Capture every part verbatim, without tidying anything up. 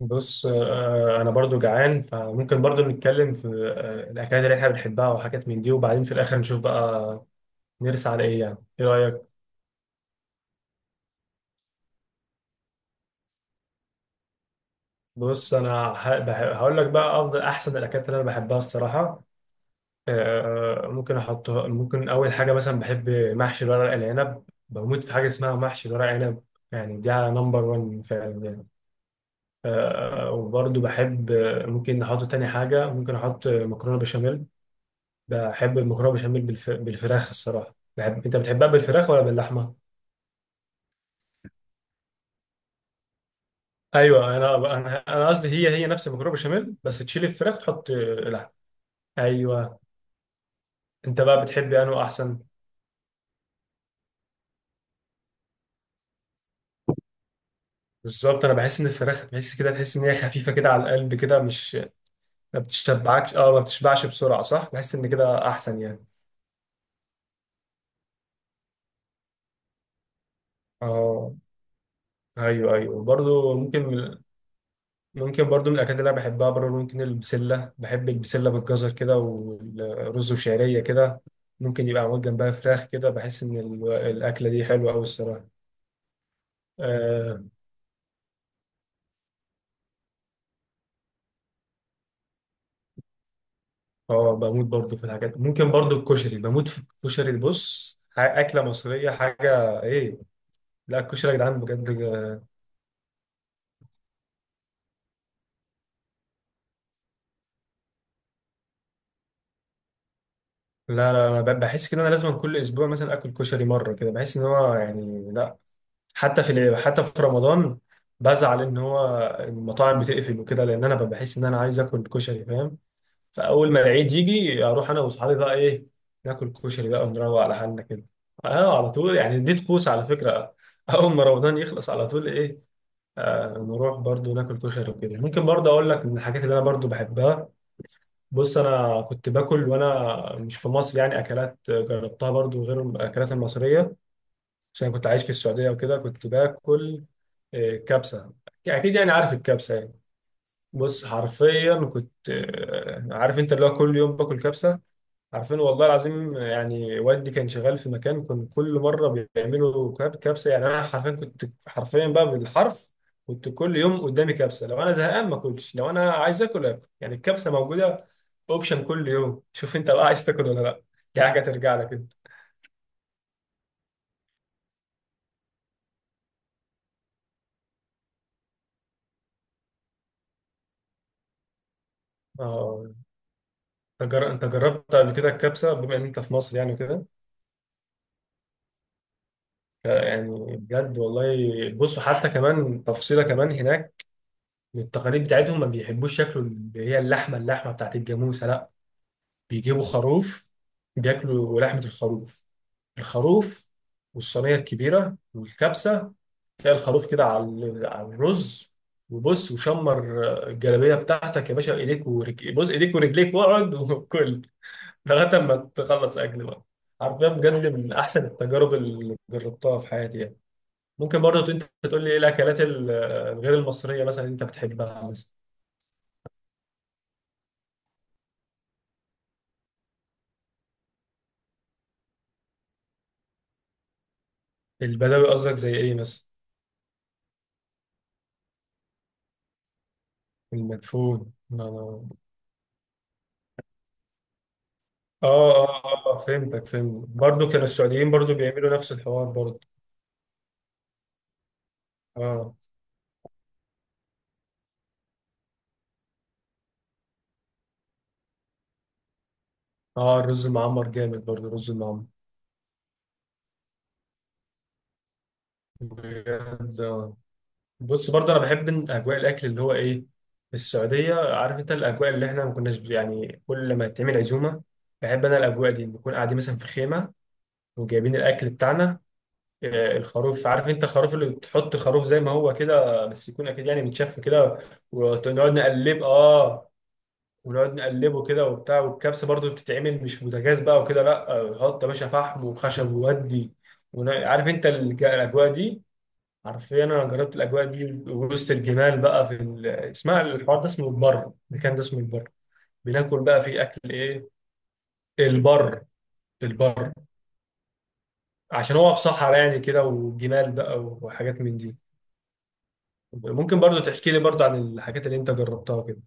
بص، آه، انا برضو جعان، فممكن برضو نتكلم في آه، الاكلات اللي احنا بنحبها وحاجات من دي، وبعدين في الاخر نشوف بقى نرسى على ايه، يعني ايه رايك؟ بص انا ه- بح- هقول لك بقى افضل احسن الاكلات اللي انا بحبها الصراحه. آه، آه، ممكن احطها، ممكن اول حاجه مثلا بحب محشي الورق العنب، بموت في حاجه اسمها محشي الورق عنب. يعني دي على نمبر واحد فعلا يعني. آه، آه، وبرضو بحب، آه، ممكن احط تاني حاجه، ممكن احط مكرونه بشاميل. بحب المكرونه بشاميل بالف... بالفراخ الصراحه. بحب، انت بتحبها بالفراخ ولا باللحمه؟ ايوه، انا انا انا قصدي هي هي نفس المكرونه بشاميل بس تشيل الفراخ تحط لحمه. ايوه، انت بقى بتحب انه احسن؟ بالظبط، انا بحس ان الفراخ تحس كده، تحس ان هي خفيفه كده على القلب كده، مش ما بتشبعكش. اه ما بتشبعش بسرعه، صح، بحس ان كده احسن يعني. اه ايوه ايوه، برضو ممكن. ممكن برضو من الأكلات اللي أنا بحبها برضو، ممكن البسلة، بحب البسلة بالجزر كده والرز وشعرية كده. ممكن يبقى معمول جنبها فراخ كده، بحس إن ال- الأكلة دي حلوة أوي الصراحة. آه آه، بموت برضو في الحاجات، ممكن برضو الكشري، بموت في الكشري. بص ح- أكلة مصرية حاجة إيه! لا، الكشري يا جدعان بجد. لا لا، أنا ب- بحس كده أنا لازم كل أسبوع مثلا آكل كشري مرة كده، بحس إن هو يعني لا. حتى في ال- حتى في رمضان بزعل ان هو المطاعم بتقفل وكده، لان انا بحس ان انا عايز اكل كشري، فاهم. فاول ما العيد يجي اروح انا واصحابي بقى ايه، ناكل كشري بقى ونروق على حالنا كده. اه على طول، يعني دي طقوس على فكره. اول ما رمضان يخلص على طول ايه، آه نروح برضو ناكل كشري وكده. ممكن برضو اقول لك من الحاجات اللي انا برضو بحبها، بص انا كنت باكل وانا مش في مصر يعني، اكلات جربتها برضو غير الاكلات المصريه، عشان كنت عايش في السعودية وكده، كنت باكل آه، كبسة. أكيد يعني، عارف الكبسة يعني. بص حرفيا كنت، آه، عارف أنت اللي هو كل يوم باكل كبسة. عارفين، والله العظيم يعني والدي كان شغال في مكان، كان كل مرة بيعملوا كب- كبسة. يعني أنا حرفيا كنت، حرفيا بقى بالحرف، كنت كل يوم قدامي كبسة. لو أنا زهقان ما أكلش، لو أنا عايز آكل آكل، يعني الكبسة موجودة أوبشن كل يوم، شوف أنت بقى عايز تاكل ولا لأ. دي حاجة ترجع لك أنت. آه انت جر- أنت جربت قبل كده الكبسه بما ان انت في مصر يعني وكده. ف- يعني بجد والله. بصوا حتى كمان تفصيله كمان هناك، من التقاليد بتاعتهم ما بيحبوش ياكلوا اللي هي اللحمه، اللحمه بتاعت الجاموسه لا، بيجيبوا خروف، بياكلوا لحمه الخروف، الخروف والصينيه الكبيره والكبسه. تلاقي الخروف كده على ال- على الرز، وبص وشمر الجلابيه بتاعتك يا باشا، ايديك ورجليك، بص ايديك ورجليك واقعد وكل لغاية ما تخلص أكل بقى. حرفيا بجد من أحسن التجارب اللي جربتها في حياتي يعني. ممكن برضه أنت تقول لي إيه الأكلات ال- الغير المصرية مثلا أنت بتحبها مثلا؟ البدوي قصدك زي إيه مثلا؟ المدفون، ما- ما- آه آه آه فهمتك، فهمت برضه، كانوا السعوديين برضه بيعملوا نفس الحوار برضه. آه آه الرز المعمر، جامد برضه الرز المعمر بجد آه. بص برضه انا بحب إن اجواء الاكل اللي هو ايه، في السعوديه عارف انت الاجواء اللي احنا ما كناش يعني، كل ما تعمل عزومه بحب انا الاجواء دي، نكون قاعدين مثلا في خيمه وجايبين الاكل بتاعنا، آه، الخروف عارف انت، الخروف اللي تحط خروف زي ما هو كده، بس يكون اكيد يعني متشف كده، ونقعد نقلب اه ونقعد نقلبه كده وبتاع. والكبسه برضه بتتعمل مش بوتاجاز بقى وكده، لا آه، حط يا باشا فحم وخشب وودي. ون- عارف انت الج- الاجواء دي. حرفيا انا جربت الاجواء دي وسط الجبال بقى في ال... اسمها الحوار ده اسمه البر، المكان ده اسمه البر، بناكل بقى فيه اكل ايه، البر، البر. عشان هو في صحراء يعني كده، وجمال بقى وحاجات من دي. ممكن برضو تحكي لي برضو عن الحاجات اللي انت جربتها كده.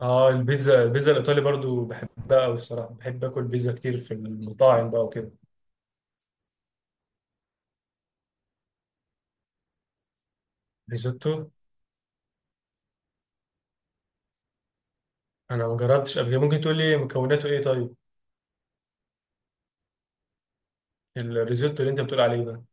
اه البيتزا، البيتزا الايطالي برضو بحبها قوي الصراحه، بحب اكل بيتزا كتير في المطاعم بقى وكده. ريزوتو، انا ما جربتش قبل كده، ممكن تقول لي مكوناته ايه طيب؟ الريزوتو اللي انت بتقول عليه ده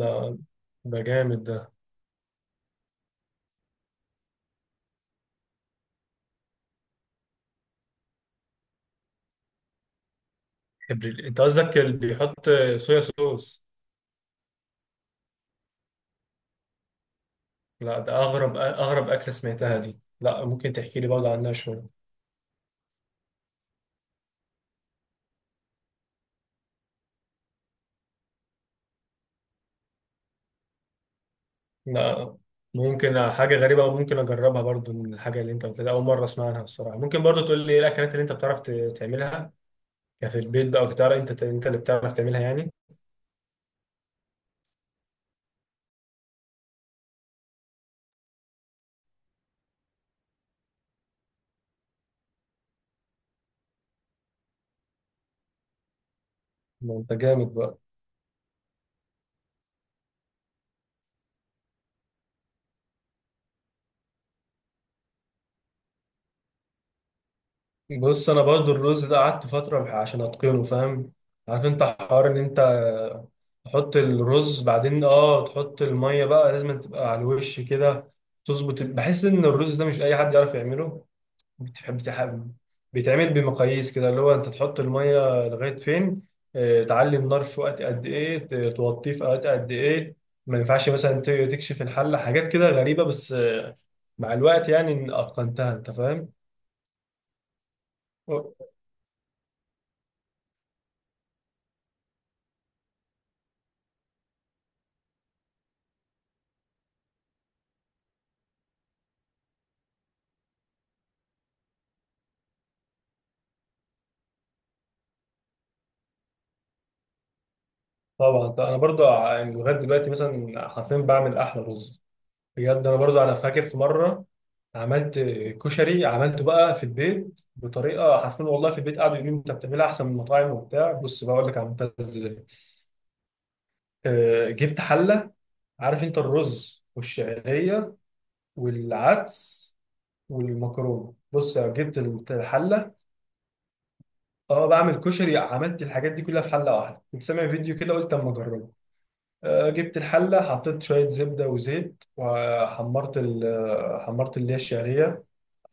ده ده جامد ده. ابريل انت قصدك اللي بيحط صويا صوص؟ لا، ده اغرب اغرب اكله سمعتها دي، لا ممكن تحكي لي برضه عنها شويه. لا ممكن، حاجه غريبه وممكن اجربها برضه، من الحاجه اللي انت قلتها، اول مره اسمع عنها الصراحه. ممكن برضه تقول لي ايه الاكلات اللي انت بتعرف ت- تعملها كفي البيت بقى، وتعرف انت انت اللي بتعرف تعملها يعني. ما انت جامد بقى. بص انا برضو الرز ده قعدت فتره بح- عشان اتقنه، فاهم. عارف انت حوار ان انت تحط الرز، بعدين اه تحط الميه بقى لازم تبقى على الوش كده، تظبط. بحس ان الرز ده مش اي حد يعرف يعمله. بتحب بتحب بيتعمل بمقاييس كده، اللي هو انت تحط الميه لغايه فين، آه، تعلي النار في وقت قد ايه، ت- توطيه في وقت قد ايه. ما ينفعش مثلا ت- تكشف الحله، حاجات كده غريبه، بس آه، مع الوقت يعني إن اتقنتها انت، فاهم. طبعا طبعاً. انا برضو ع- يعني لغايه دلوقتي مثلا حرفيا بعمل احلى رز بجد. انا برضو انا فاكر في مره عملت كشري، عملته بقى في البيت بطريقه، حرفيا والله في البيت قعدوا يقولوا لي انت بتعملها احسن من المطاعم وبتاع. بص بقى اقول لك عملتها ازاي. آه، جبت حله، عارف انت الرز والشعريه والعدس والمكرونه، بص يا جبت الحله. اه بعمل كشري، عملت الحاجات دي كلها في حله واحده، كنت سامع فيديو كده قلت اما اجربه. آه، جبت الحلة، حطيت شوية زبدة وزيت، وحمرت ال- آه، حمرت اللي هي الشعرية.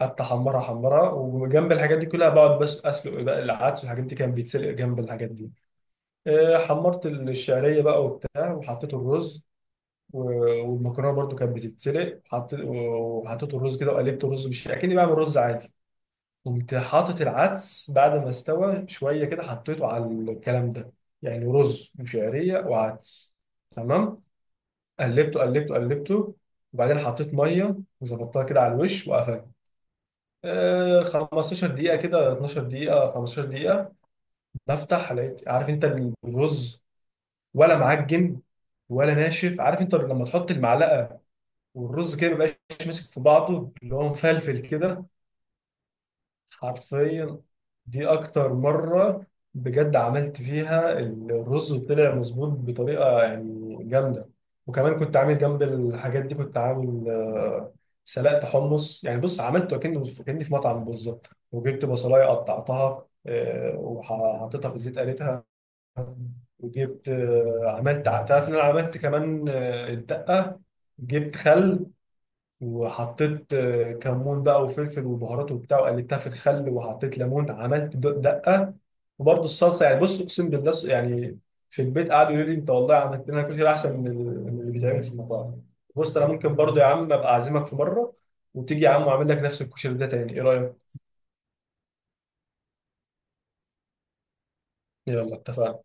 قعدت أحمرها أحمرها، وجنب الحاجات دي كلها بقعد بس أسلق بقى العدس، والحاجات دي كان بيتسلق جنب الحاجات دي. آه، حمرت الشعرية بقى وبتاع، وحطيت الرز. و- والمكرونة برضو كانت بتتسلق. حطيت وحطيت الرز كده، وقلبت الرز مش أكني بعمل رز عادي. قمت حاطط العدس بعد ما استوى شوية كده، حطيته على الكلام ده، يعني رز وشعرية وعدس، تمام. قلبته قلبته قلبته، وبعدين حطيت ميه وظبطتها كده على الوش، وقفلت آه خمسة عشر دقيقه كده، اتناشر دقيقه، خمسة عشر دقيقه. بفتح لقيت، عارف انت الرز ولا معجن ولا ناشف، عارف انت لما تحط المعلقه والرز كده ما بيبقاش ماسك في بعضه، اللي هو مفلفل كده. حرفيا دي اكتر مرة بجد عملت فيها الرز وطلع مظبوط بطريقة يعني جامدة. وكمان كنت عامل جنب الحاجات دي، كنت عامل آه، سلقت حمص يعني، بص عملته كأنه كأني في مطعم بالظبط. وجبت بصلاية قطعتها، آه، وحطيتها في الزيت قليتها، وجبت، آه، عملت، تعرف إن انا عملت كمان آه، الدقة، جبت خل، وحطيت آه، كمون بقى وفلفل وبهارات وبتاع، وقلبتها في الخل وحطيت ليمون، عملت د- دقه. وبرضه الصلصه يعني، بص اقسم بالله الص- يعني في البيت قعدوا يقولوا لي انت والله عملت لنا كشري احسن من ال- من اللي بيتعمل في المطاعم. بص انا ممكن برضه يا عم ابقى اعزمك في مره، وتيجي يا عم واعمل لك نفس الكشري ده تاني، ايه رايك؟ يلا اتفقنا.